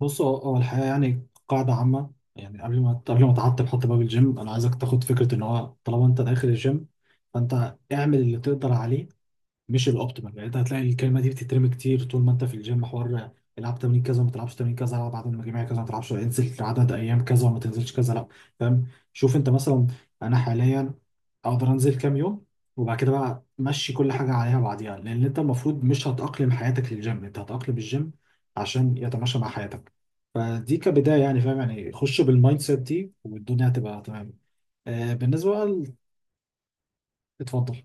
بص هو الحقيقة يعني قاعدة عامة، يعني قبل ما تعطل حط باب الجيم، أنا عايزك تاخد فكرة إن هو طالما أنت داخل الجيم فأنت اعمل اللي تقدر عليه. مش الاوبتيمال، يعني انت هتلاقي الكلمه دي بتترمي كتير طول ما انت في الجيم. حوار العب تمرين كذا وما تلعبش تمرين كذا، العب عدد مجاميع كذا ما تلعبش، انزل عدد ايام كذا وما تنزلش كذا، لا. فاهم؟ شوف انت مثلا، انا حاليا اقدر انزل كام يوم، وبعد كده بقى مشي كل حاجه عليها بعديها، لان انت المفروض مش هتأقلم حياتك للجيم، انت هتأقلم الجيم عشان يتماشى مع حياتك. فدي كبدايه، يعني فاهم، يعني خش بالمايند سيت دي والدنيا هتبقى تمام. آه بالنسبه بقى اتفضل.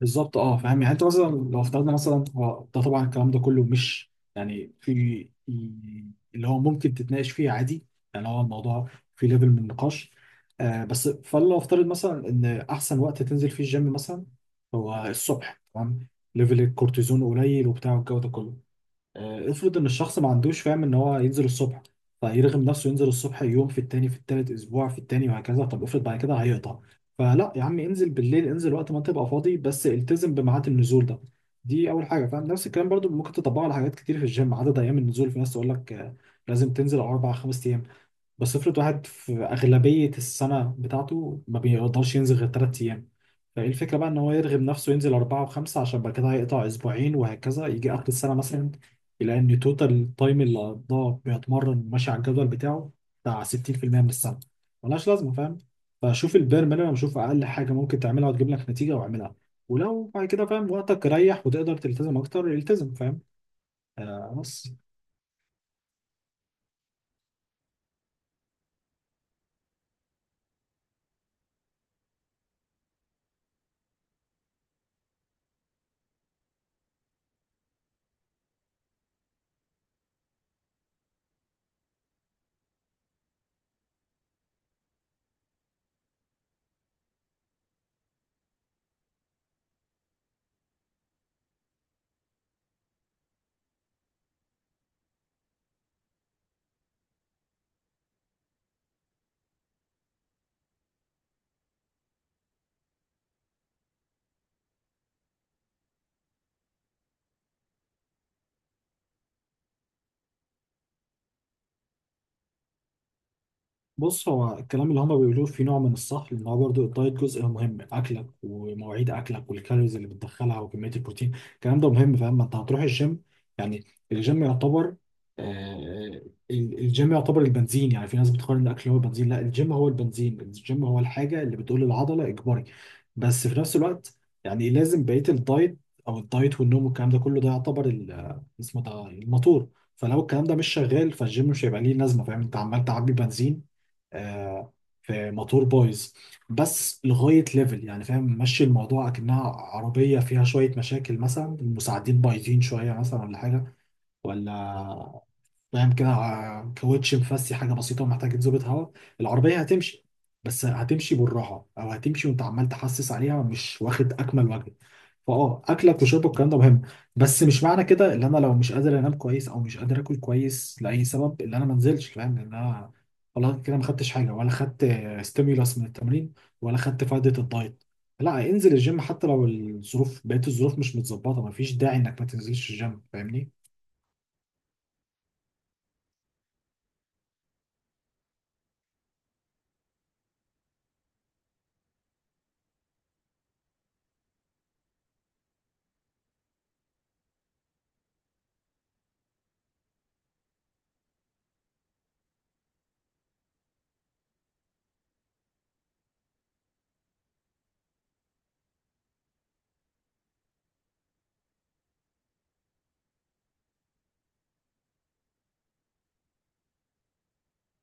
بالظبط اه فاهم، يعني انت مثلا لو افترضنا مثلا، هو ده طبعا الكلام ده كله مش يعني في اللي هو ممكن تتناقش فيه عادي. يعني هو الموضوع في ليفل من النقاش. آه بس فلو افترض مثلا ان احسن وقت تنزل فيه الجيم مثلا هو الصبح، تمام، ليفل الكورتيزون قليل وبتاع والجو ده كله. افرض ان الشخص ما عندوش فاهم ان هو ينزل الصبح، فيرغم نفسه ينزل الصبح يوم في التاني في التالت، اسبوع في التاني وهكذا. طب افرض بعد كده هيقطع، فلا يا عم انزل بالليل، انزل وقت ما تبقى فاضي بس التزم بميعاد النزول ده. دي اول حاجه، فاهم؟ نفس الكلام برضو ممكن تطبقه على حاجات كتير في الجيم. عدد ايام النزول، في ناس تقول لك لازم تنزل اربع خمس ايام، بس افرض واحد في أغلبية السنة بتاعته ما بيقدرش ينزل غير 3 أيام، فإيه الفكرة بقى إن هو يرغم نفسه ينزل 4 و5 عشان بعد كده هيقطع أسبوعين وهكذا؟ يجي آخر السنة مثلا يلاقي إن توتال التايم اللي قضاه بيتمرن ماشي على الجدول بتاعه بتاع 60% من السنة، ملهاش لازمة فاهم. فشوف البير مينيمم، شوف أقل حاجة ممكن تعملها وتجيب لك نتيجة واعملها، ولو بعد كده فاهم وقتك ريح وتقدر تلتزم أكتر التزم، فاهم؟ آه بس. بص هو الكلام اللي هما بيقولوه في نوع من الصح، لان هو برضه الدايت جزء مهم، اكلك ومواعيد اكلك والكالوريز اللي بتدخلها وكميه البروتين، الكلام ده مهم فاهم. ما انت هتروح الجيم يعني، الجيم يعتبر آه، الجيم يعتبر البنزين، يعني في ناس بتقارن الاكل هو البنزين، لا الجيم هو البنزين، الجيم هو الحاجه اللي بتقول للعضله اجباري. بس في نفس الوقت، يعني لازم بقيه الدايت، او الدايت والنوم والكلام ده كله، ده يعتبر ال- اسمه ده الموتور. فلو الكلام ده مش شغال فالجيم مش هيبقى ليه لازمه فاهم. انت عمال تعبي بنزين آه، في موتور بايظ، بس لغايه ليفل يعني فاهم، ماشي الموضوع اكنها عربيه فيها شويه مشاكل، مثلا المساعدين بايظين شويه مثلا، ولا حاجه ولا فاهم كده، كاوتش مفسي حاجه بسيطه ومحتاج تظبط هوا، العربيه هتمشي بس هتمشي بالراحه، او هتمشي وانت عمال تحسس عليها مش واخد اكمل وجه. فاه اكلك وشربك الكلام ده مهم، بس مش معنى كده ان انا لو مش قادر انام كويس او مش قادر اكل كويس لاي سبب ان انا ما انزلش فاهم؟ ان انا والله كده ما خدتش حاجه ولا خدت ستيمولاس من التمرين ولا خدت فائده الدايت، لا انزل الجيم. حتى لو الظروف بقيت، الظروف مش متظبطه، ما فيش داعي انك ما تنزلش الجيم فاهمني.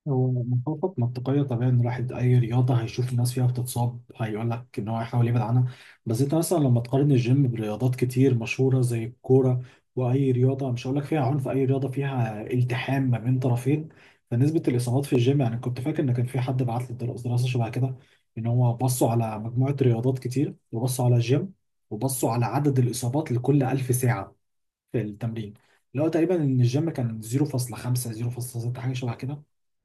هو مخاطط منطقية، طبيعي إن الواحد أي رياضة هيشوف الناس فيها بتتصاب هيقول لك إن هو هيحاول يبعد عنها، بس أنت مثلا لما تقارن الجيم برياضات كتير مشهورة زي الكورة، وأي رياضة مش هقول لك فيها عنف، أي رياضة فيها التحام ما بين طرفين، فنسبة الإصابات في الجيم، يعني كنت فاكر إن كان في حد بعت لي دراسة شبه كده، إن هو بصوا على مجموعة رياضات كتير وبصوا على الجيم، وبصوا على عدد الإصابات لكل ألف ساعة في التمرين، اللي هو تقريبا ان الجيم كان 0.5 0.6 حاجه شبه كده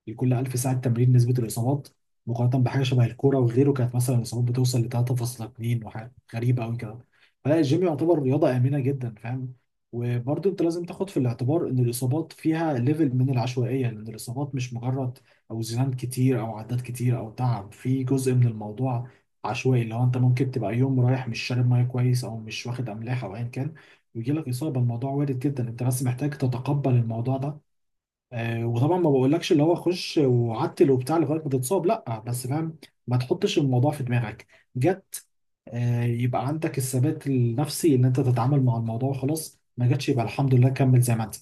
لكل 1000 ساعه تمرين نسبه الاصابات، مقارنه بحاجه شبه الكوره وغيره كانت مثلا الاصابات بتوصل ل 3.2 وحاجه غريبه قوي كده. فلا الجيم يعتبر رياضه امنه جدا فاهم. وبرضه انت لازم تاخد في الاعتبار ان الاصابات فيها ليفل من العشوائيه، لان الاصابات مش مجرد اوزان كتير او عدات كتير او تعب، في جزء من الموضوع عشوائي، اللي هو انت ممكن تبقى يوم رايح مش شارب ميه كويس او مش واخد املاح او ايا كان ويجي لك اصابه، الموضوع وارد جدا، انت بس محتاج تتقبل الموضوع ده. آه وطبعا ما بقولكش اللي هو خش وعتل وبتاع لغايه ما تتصاب، لا، بس فاهم ما تحطش الموضوع في دماغك. جت آه يبقى عندك الثبات النفسي ان انت تتعامل مع الموضوع خلاص، ما جاتش يبقى الحمد لله كمل زي ما انت.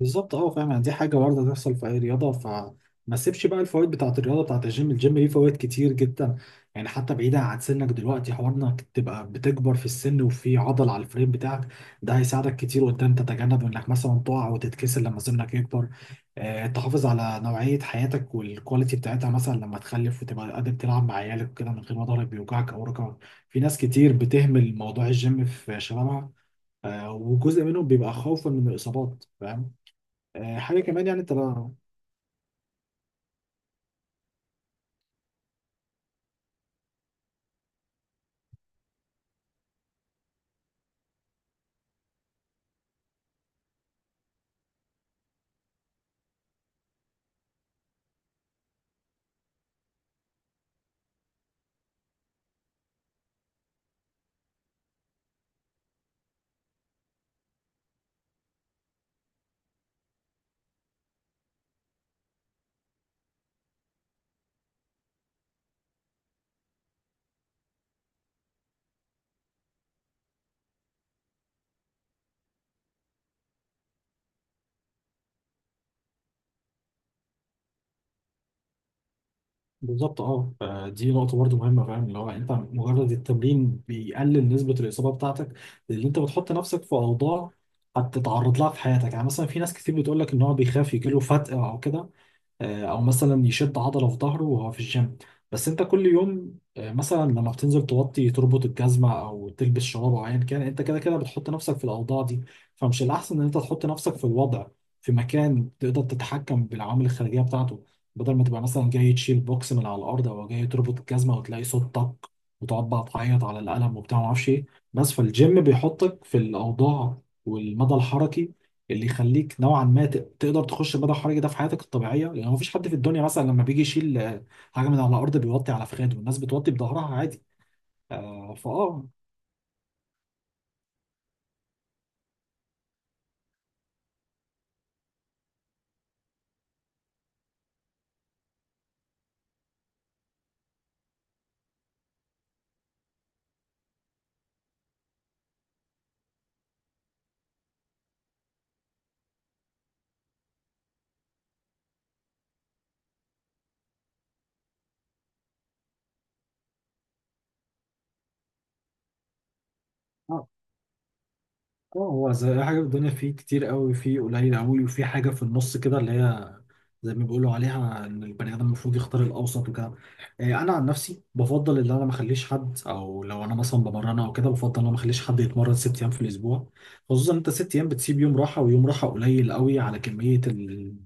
بالظبط اه فاهم، يعني دي حاجه وارده تحصل في اي رياضه، فما تسيبش بقى الفوائد بتاعه الرياضه بتاعه الجيم، الجيم ليه فوائد كتير جدا، يعني حتى بعيدا عن سنك دلوقتي، حوار انك تبقى بتكبر في السن وفي عضل على الفريم بتاعك، ده هيساعدك كتير قدام تتجنب انك مثلا تقع وتتكسر لما سنك يكبر. تحافظ على نوعيه حياتك والكواليتي بتاعتها، مثلا لما تخلف وتبقى قادر تلعب مع عيالك وكده من غير ما ضهرك بيوجعك او ركبك. في ناس كتير بتهمل موضوع الجيم في شبابها، وجزء منهم بيبقى خوفا من الاصابات فاهم. حاجه كمان يعني انت بالظبط اه فدي نقطه برضو مهمه فاهم، اللي هو انت مجرد التمرين بيقلل نسبه الاصابه بتاعتك، لان انت بتحط نفسك في اوضاع هتتعرض لها في حياتك، يعني مثلا في ناس كتير بتقول لك ان هو بيخاف يجيله فتق او كده، او مثلا يشد عضله في ظهره وهو في الجيم، بس انت كل يوم مثلا لما بتنزل توطي تربط الجزمه او تلبس شراب او ايا كان، انت كده كده بتحط نفسك في الاوضاع دي. فمش الاحسن ان انت تحط نفسك في الوضع، في مكان تقدر تتحكم بالعوامل الخارجيه بتاعته، بدل ما تبقى مثلا جاي تشيل بوكس من على الارض او جاي تربط الجزمه وتلاقي صوت طق وتقعد بقى تعيط على القلم وبتاع ما اعرفش ايه. بس فالجيم بيحطك في الاوضاع والمدى الحركي اللي يخليك نوعا ما تقدر تخش البدء الحرجي ده في حياتك الطبيعيه، لان مفيش حد في الدنيا مثلا لما بيجي يشيل حاجه من على الارض بيوطي على فخاده، والناس بتوطي بظهرها عادي. آه، فاه آه. اه هو زي اي حاجه في الدنيا، فيه كتير قوي فيه قليل قوي وفي حاجه في النص كده، اللي هي زي ما بيقولوا عليها ان البني ادم المفروض يختار الاوسط وكده. انا عن نفسي بفضل ان انا ما اخليش حد، او لو انا مثلا بمرن او كده بفضل ان انا ما اخليش حد يتمرن 6 أيام في الاسبوع، خصوصا انت 6 أيام بتسيب يوم راحه، ويوم راحه قليل قوي على كميه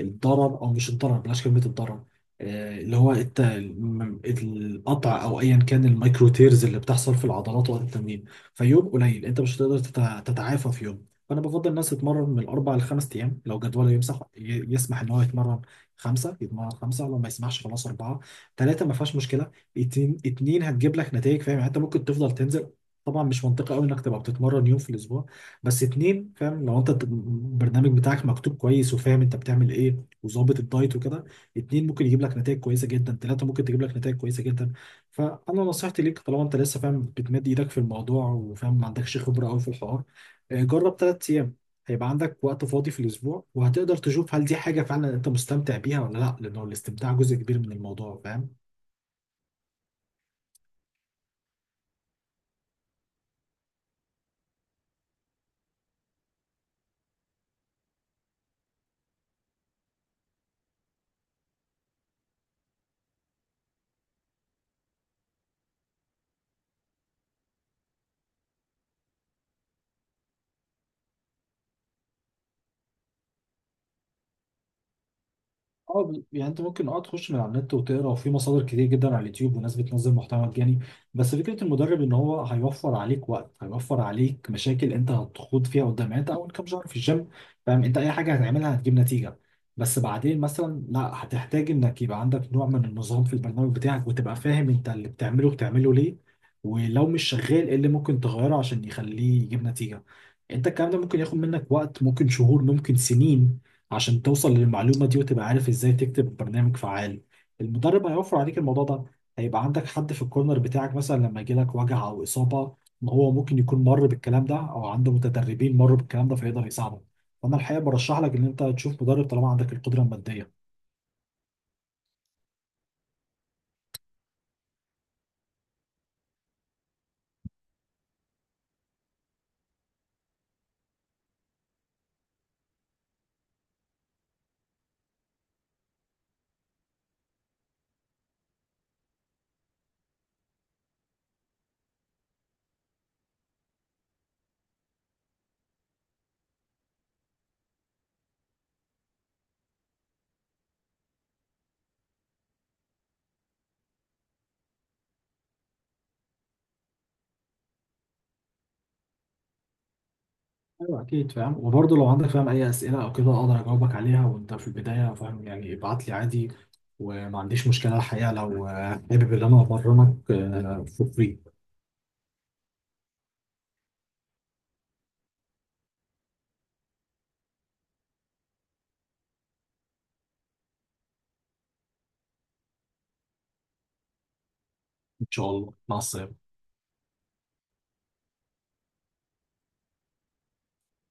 الضرر، او مش الضرر بلاش كلمه الضرر، اللي هو القطع او ايا كان، الميكرو تيرز اللي بتحصل في العضلات وقت التمرين. فيوم قليل انت مش هتقدر تتعافى في يوم، فانا بفضل الناس تتمرن من الاربع لخمس ايام، لو جدوله يمسح يسمح ان هو يتمرن خمسه يتمرن خمسه، لو ما يسمحش خلاص اربعه، ثلاثه ما فيهاش مشكله، اتنين اتنين هتجيب لك نتائج فاهم. يعني انت ممكن تفضل تنزل، طبعا مش منطقي قوي انك تبقى بتتمرن يوم في الاسبوع، بس اتنين فاهم، لو انت البرنامج بتاعك مكتوب كويس وفاهم انت بتعمل ايه وظابط الدايت وكده، اتنين ممكن يجيب لك نتائج كويسه جدا، ثلاثه ممكن تجيب لك نتائج كويسه جدا. فانا نصيحتي ليك طالما انت لسه فاهم بتمد ايدك في الموضوع وفاهم ما عندكش خبره قوي في الحوار، جرب 3 أيام، هيبقى عندك وقت فاضي في الاسبوع وهتقدر تشوف هل دي حاجه فعلا انت مستمتع بيها ولا لا، لانه الاستمتاع جزء كبير من الموضوع فاهم. اه يعني انت ممكن اه تخش من على النت وتقرا، وفي مصادر كتير جدا على اليوتيوب وناس بتنزل محتوى مجاني، بس فكره المدرب ان هو هيوفر عليك وقت، هيوفر عليك مشاكل انت هتخوض فيها قدام. يعني انت اول كام شهر في الجيم فاهم انت اي حاجه هتعملها هتجيب نتيجه، بس بعدين مثلا لا، هتحتاج انك يبقى عندك نوع من النظام في البرنامج بتاعك، وتبقى فاهم انت اللي بتعمله بتعمله ليه، ولو مش شغال ايه اللي ممكن تغيره عشان يخليه يجيب نتيجه. انت الكلام ده ممكن ياخد منك وقت، ممكن شهور ممكن سنين عشان توصل للمعلومة دي وتبقى عارف ازاي تكتب برنامج فعال. المدرب هيوفر عليك الموضوع ده، هيبقى عندك حد في الكورنر بتاعك، مثلا لما يجيلك وجع او اصابة، ما هو ممكن يكون مر بالكلام ده او عنده متدربين مروا بالكلام ده فيقدر يساعدك. فانا الحقيقة برشح لك ان انت تشوف مدرب طالما عندك القدرة المادية. ايوه اكيد فاهم، وبرضه لو عندك فاهم اي اسئلة او كده اقدر اجاوبك عليها وانت في البداية فاهم، يعني ابعت لي عادي وما عنديش مشكلة الحقيقة، لو حابب ان انا ابرمك فور فري. ان شاء الله، مع السلامة.